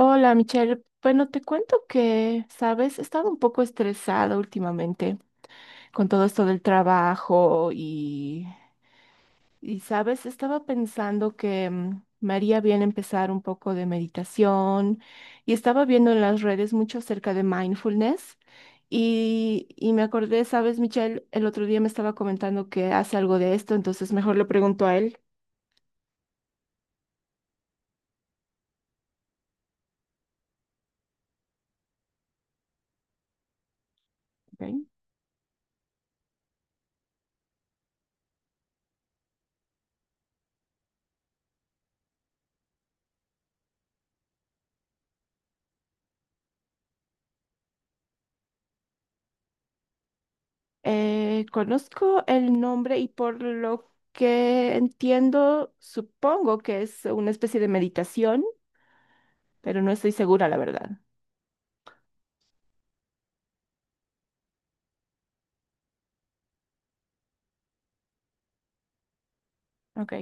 Hola, Michelle. Bueno, te cuento que, sabes, he estado un poco estresada últimamente con todo esto del trabajo y sabes, estaba pensando que me haría bien empezar un poco de meditación y estaba viendo en las redes mucho acerca de mindfulness y me acordé, sabes, Michelle, el otro día me estaba comentando que hace algo de esto, entonces mejor le pregunto a él. ¿Ok? Conozco el nombre y por lo que entiendo, supongo que es una especie de meditación, pero no estoy segura, la verdad. Ok,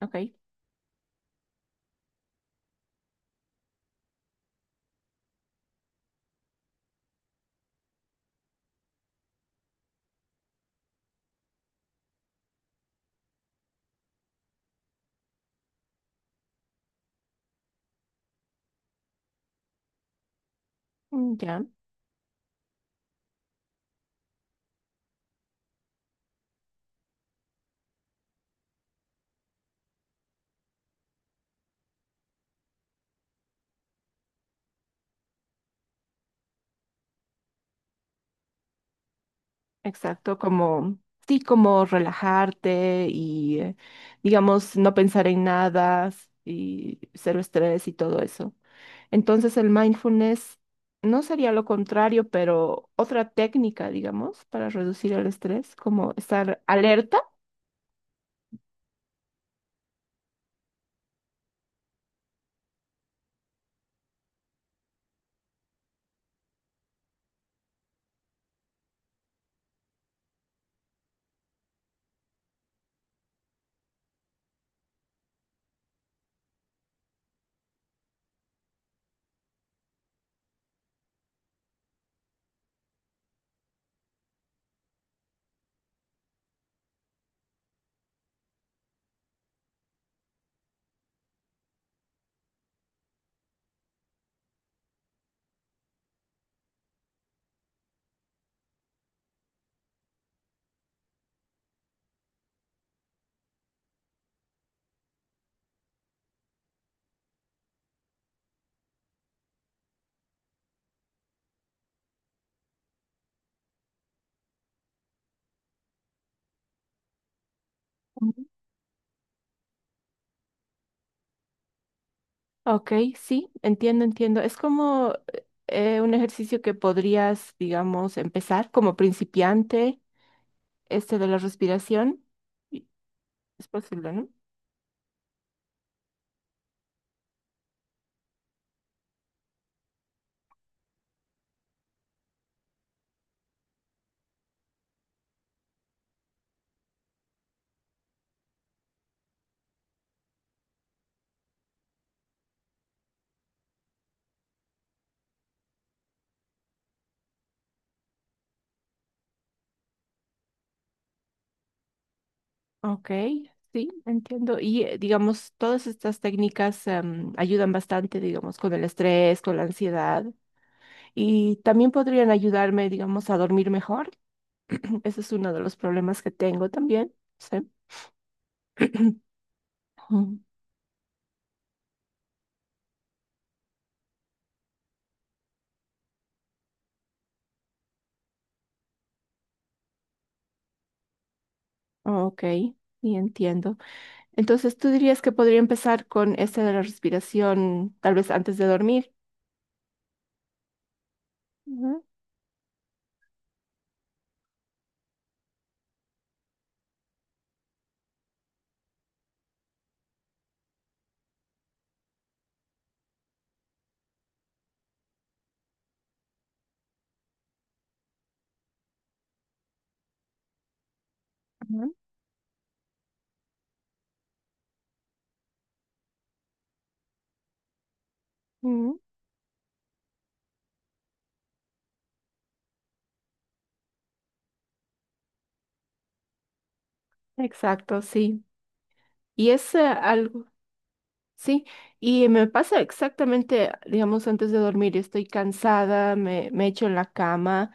ok, mm, ya, exacto, como, sí, como relajarte y, digamos, no pensar en nada s- y cero estrés y todo eso. Entonces el mindfulness no sería lo contrario, pero otra técnica, digamos, para reducir el estrés, como estar alerta. Ujú. Ok, sí, entiendo, entiendo. Es como un ejercicio que podrías, digamos, empezar como principiante, este de la respiración. Y- ¿Es posible, no? Ok, sí, entiendo. Y digamos, todas estas técnicas ayudan bastante, digamos, con el estrés, con la ansiedad y también podrían ayudarme, digamos, a dormir mejor. Ese es uno de los problemas que tengo también. Sí. Mm, ok, sí, entiendo. Entonces, tú dirías que podría empezar con esta de la respiración, tal vez antes de dormir. Ujú, ujú, ujú. Exacto, sí. Y es algo. Sí, y me pasa exactamente, digamos, antes de dormir, estoy cansada, me echo en la cama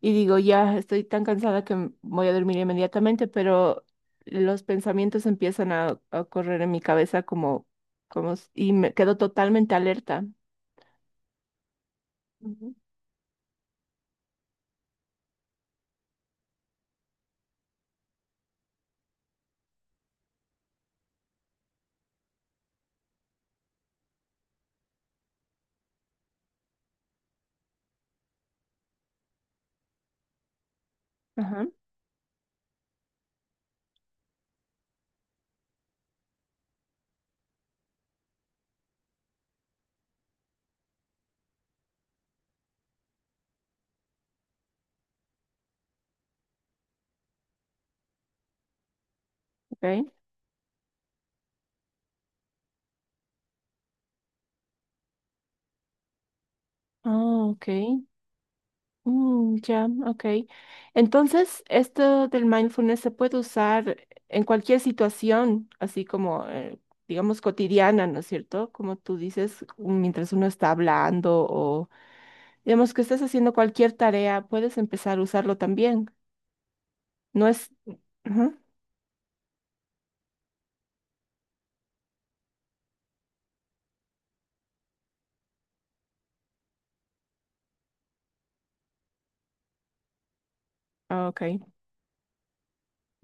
y digo, ya estoy tan cansada que m- voy a dormir inmediatamente, pero los pensamientos empiezan a correr en mi cabeza como, como, s- y me quedo totalmente alerta. Ujú. Ajá, ok. Ah, ok. Mm, ya, ok. Entonces, esto del mindfulness se puede usar en cualquier situación, así como, digamos, cotidiana, ¿no es cierto? Como tú dices, mientras uno está hablando o, digamos, que estés haciendo cualquier tarea, puedes empezar a usarlo también. No es... Ujú. Ah, ok,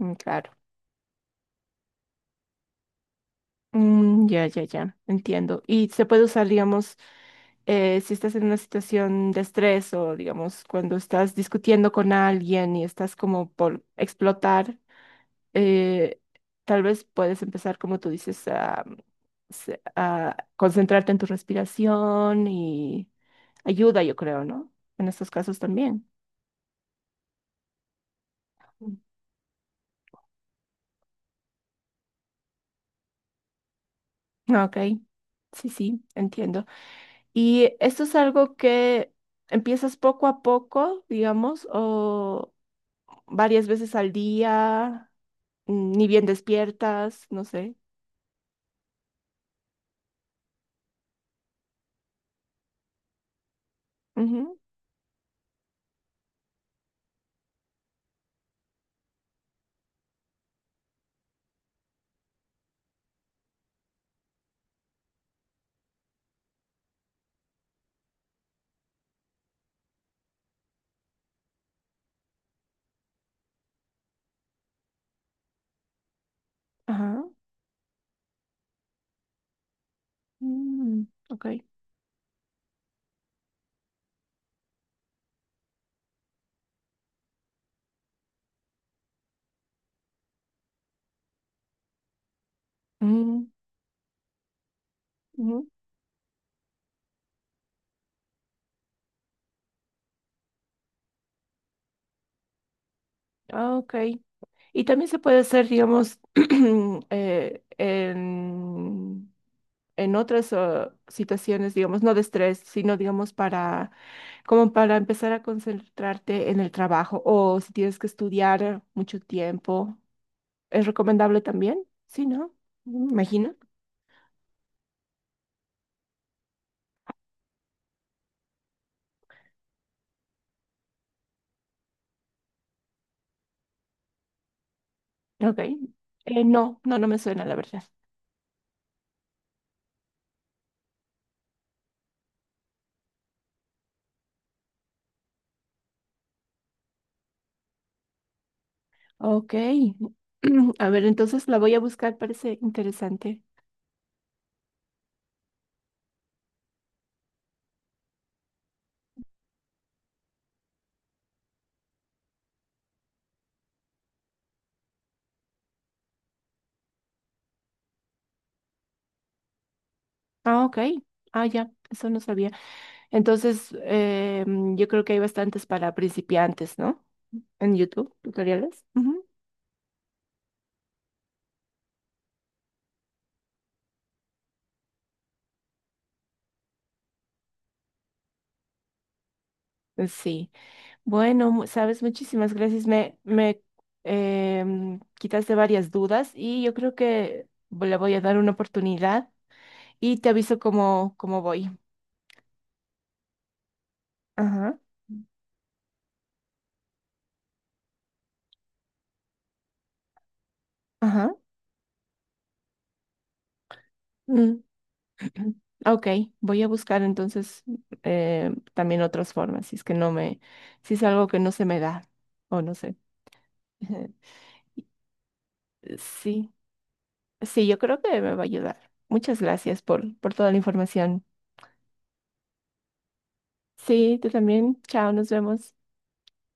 mm, claro. Mm, ya, ya, ya, entiendo. Y se puede usar, digamos, si estás en una situación de estrés o, digamos, cuando estás discutiendo con alguien y estás como por explotar, eh, tal vez puedes empezar, como tú dices, a, se- a concentrarte en tu respiración y ayuda, yo creo, ¿no? En estos casos también. Mm. Ok, sí, sí, entiendo. Y esto es algo que empiezas poco a poco, digamos, o varias veces al día, mm, ni bien despiertas, no sé. Ujú, ajá. Mm, ok. Mm, ujú, ah, ok. Y también se puede hacer, digamos, eh, en, en otras situaciones, digamos, no de estrés, sino, digamos, para, como para empezar a concentrarte en el trabajo o si tienes que estudiar mucho tiempo. ¿Es recomendable también? Sí, ¿no? Me imagino. Ok. No, no, no me suena, la verdad. Ok. A ver, entonces la voy a buscar, parece interesante. Ah, ok. Ah, ya, eso no sabía. Entonces, yo creo que hay bastantes para principiantes, ¿no? En YouTube, tutoriales. Ujú. Sí. Bueno, mu- sabes, muchísimas gracias. Me quitaste varias dudas y yo creo que le voy a dar una oportunidad y te aviso cómo, cómo voy. Ajá, ajá. Mm, ok, voy a buscar entonces también otras formas, si es que no me, si es algo que no se me da, o no sé. Ujú. Sí, sí, yo creo que me va a ayudar. Muchas gracias por toda la información. Sí, tú también. Chao, nos vemos.